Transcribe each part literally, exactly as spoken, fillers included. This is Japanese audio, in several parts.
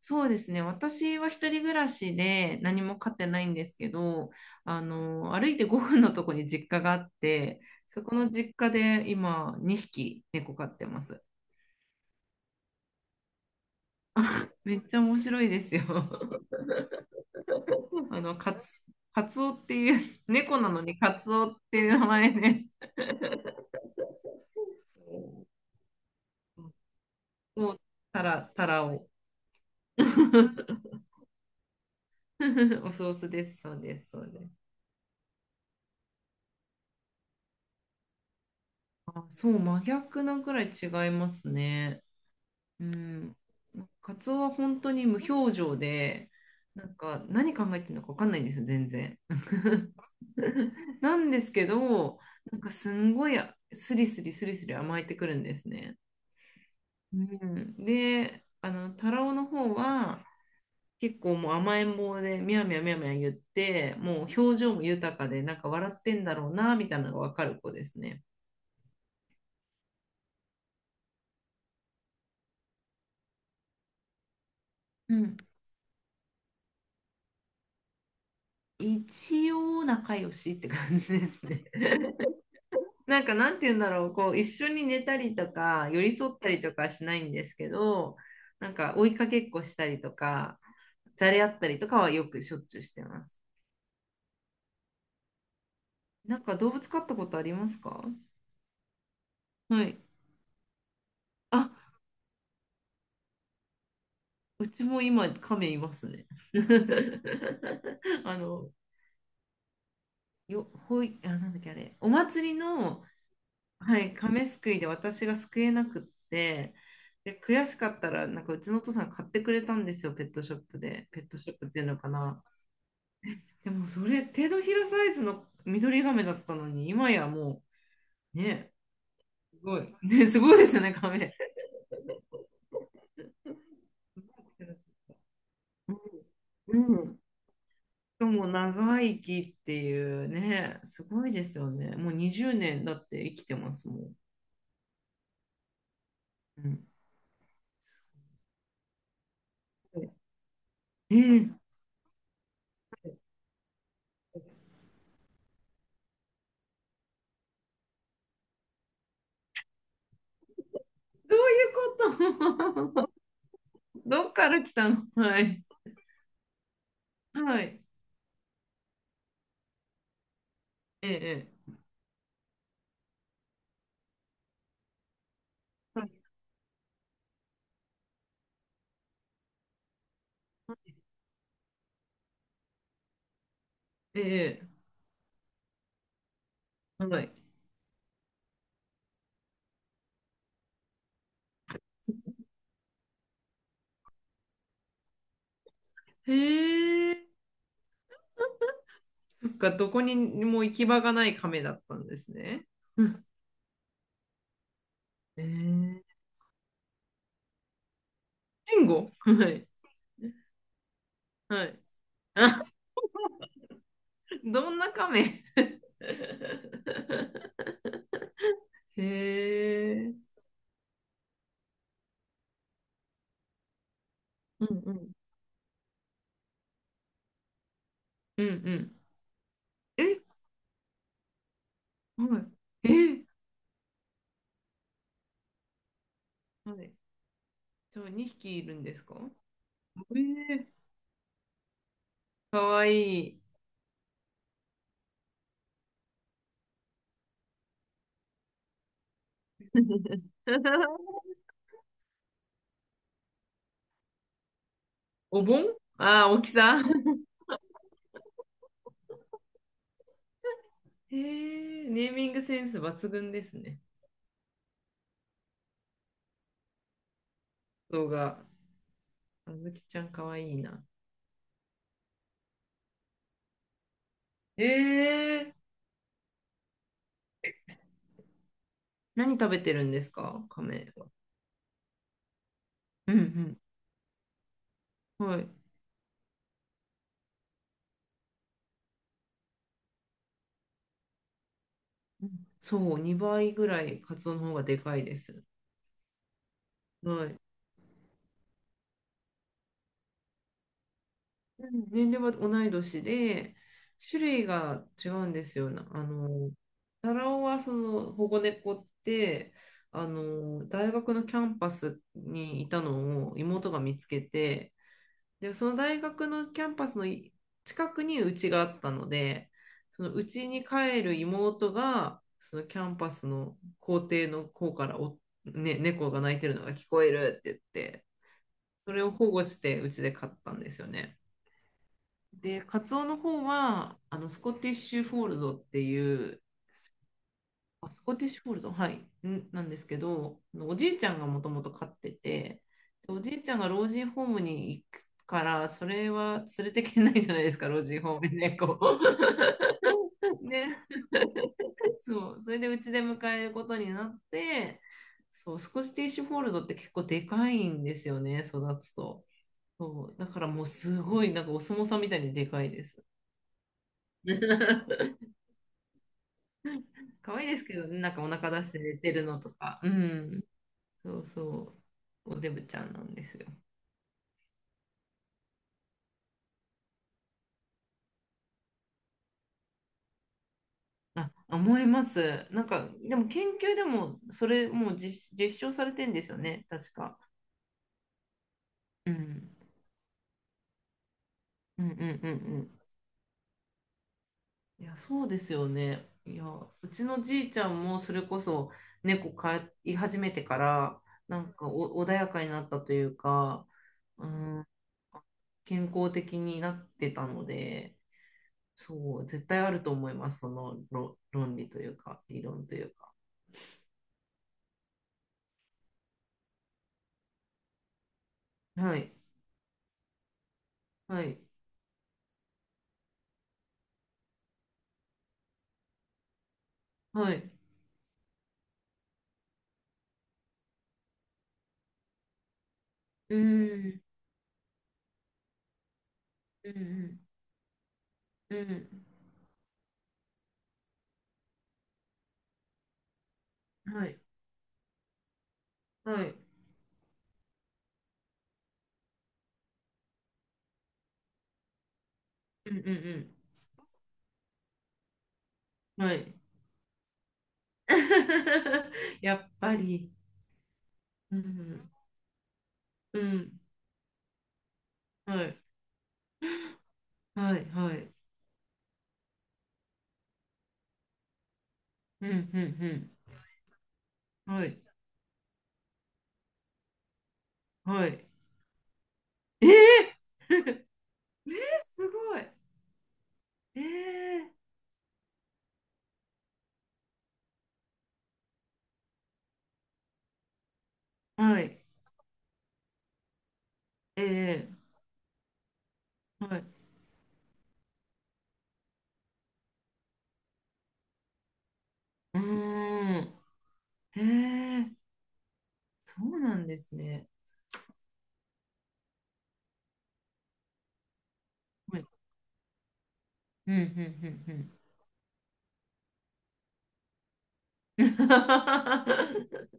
そうですね。私は一人暮らしで何も飼ってないんですけど、あの、歩いてごふんのとこに実家があって、そこの実家で今にひき猫飼ってます。めっちゃ面白いですよ。あの、カツ、カツオっていう、猫なのにカツオっていう名前で、そうそうタラ、タラを。おソースです。そうです。そうです。あ、そう、真逆なくらい違いますね。うん、カツオは本当に無表情で、なんか何考えてるのか分かんないんですよ、全然。なんですけど、なんかすんごいスリスリスリスリ甘えてくるんですね。うん、で、あの、タラオの方は結構もう甘えん坊で、みやみやみやみや言って、もう表情も豊かで、なんか笑ってんだろうな、みたいなのが分かる子ですね。うん、一応仲良しって感じですね。なんかなんて言うんだろう、こう一緒に寝たりとか寄り添ったりとかはしないんですけど、なんか追いかけっこしたりとか、じゃれ合ったりとかはよくしょっちゅうしてます。なんか動物飼ったことありますか？はい。あ、うちも今亀いますね。あの、よ、ほい、あ、なんだっけあれ、お祭りの、はい、亀すくいで私が救えなくって、で、悔しかったら、なんかうちのお父さん買ってくれたんですよ、ペットショップで。ペットショップっていうのかな。でもそれ、手のひらサイズの緑ガメだったのに、今やもう、ね、すごい。ね、すごいですよね、ガメ。うん。うんしも長生きっていうね、すごいですよね。もうにじゅうねんだって生きてますもん。うん。すごい。えーどういうこと？ どっから来たの？はい。はい。ええええ、はい。ええ、はい。へえ、そっか、どこにも行き場がない亀だったんですね。えー、慎吾。 はい。はい。あ、どんな亀？ へえ。うんうん。うんうん。え、はい。えー、はい。じゃあにひきいるんですか？えー、かわいい。お盆。ああー、大きさ。へえ、ネーミングセンス抜群ですね。動画。あずきちゃんかわいいな。え、何食べてるんですか、亀は。うんうん、はい。うん、そう、にばいぐらいカツオの方がでかいです。はい。うん、年齢は同い年で、種類が違うんですよ。なあの、タラオはその保護猫って、あの、大学のキャンパスにいたのを妹が見つけて、で、その大学のキャンパスのい近くにうちがあったので、そのうちに帰る妹が、そのキャンパスの校庭の方からお、ね、猫が鳴いてるのが聞こえるって言って、それを保護してうちで飼ったんですよね。で、カツオの方は、あの、スコティッシュフォールドっていう、あ、スコティッシュフォールド、はい、んなんですけど、あのおじいちゃんがもともと飼ってて、でおじいちゃんが老人ホームに行くから、それは連れてけないじゃないですか、老人ホームに猫。 で、ね、そう、それでうちで迎えることになって、そう、スコティッシュフォールドって結構でかいんですよね、育つと。そう、だからもうすごい、なんかお相撲さんみたいにでかいです。可愛いですけどね、なんかお腹出して寝てるのとか。うん。そうそう、おデブちゃんなんですよ。あ、思います。なんか、でも研究でも、それもう実、実証されてんですよね、確か。うん。うんうんうんうん。いや、そうですよね。いや、うちのじいちゃんもそれこそ猫飼い始めてから、なんかお穏やかになったというか、うん、健康的になってたので、そう、絶対あると思います、その論論理というか、理論というか。はい、はい、はい。うん、うん、うん、うん、はい、はい、うん、うん、うん、はい。やっぱり、うん、うん、はい、はい、はい、うん、うん、うん、はい、はい。ええ。 すごい。ええ、はい、ええ、はい。うーん、ええ、そうなんですね。はい、うん、うん、うん、うん。は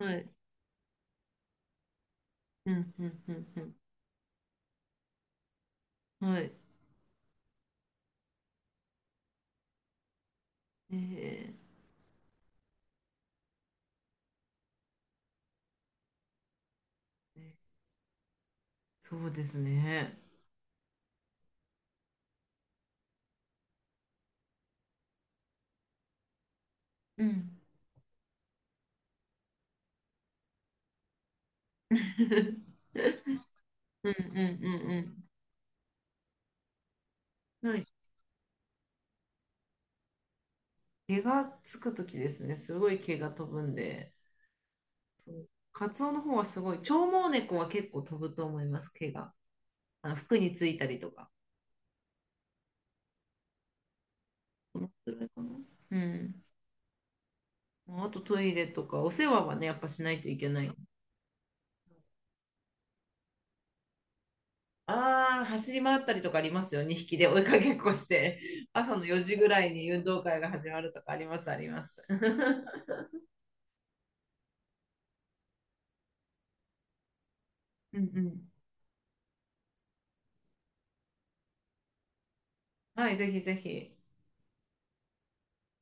い、うん、うん、うん、うん、はい、ええ、そうですね。うん。うんうんうんうん。はい、毛がつくときですね。すごい毛が飛ぶんで。カツオの方はすごい。長毛猫は結構飛ぶと思います、毛が。あの服についたりとか。このくらいかな。うん。あとトイレとか、お世話はね、やっぱしないといけない。ああ、走り回ったりとかありますよ。にひきで追いかけっこして。朝のよじぐらいに運動会が始まるとかあります、あります。うんうん。はい、ぜひぜひ。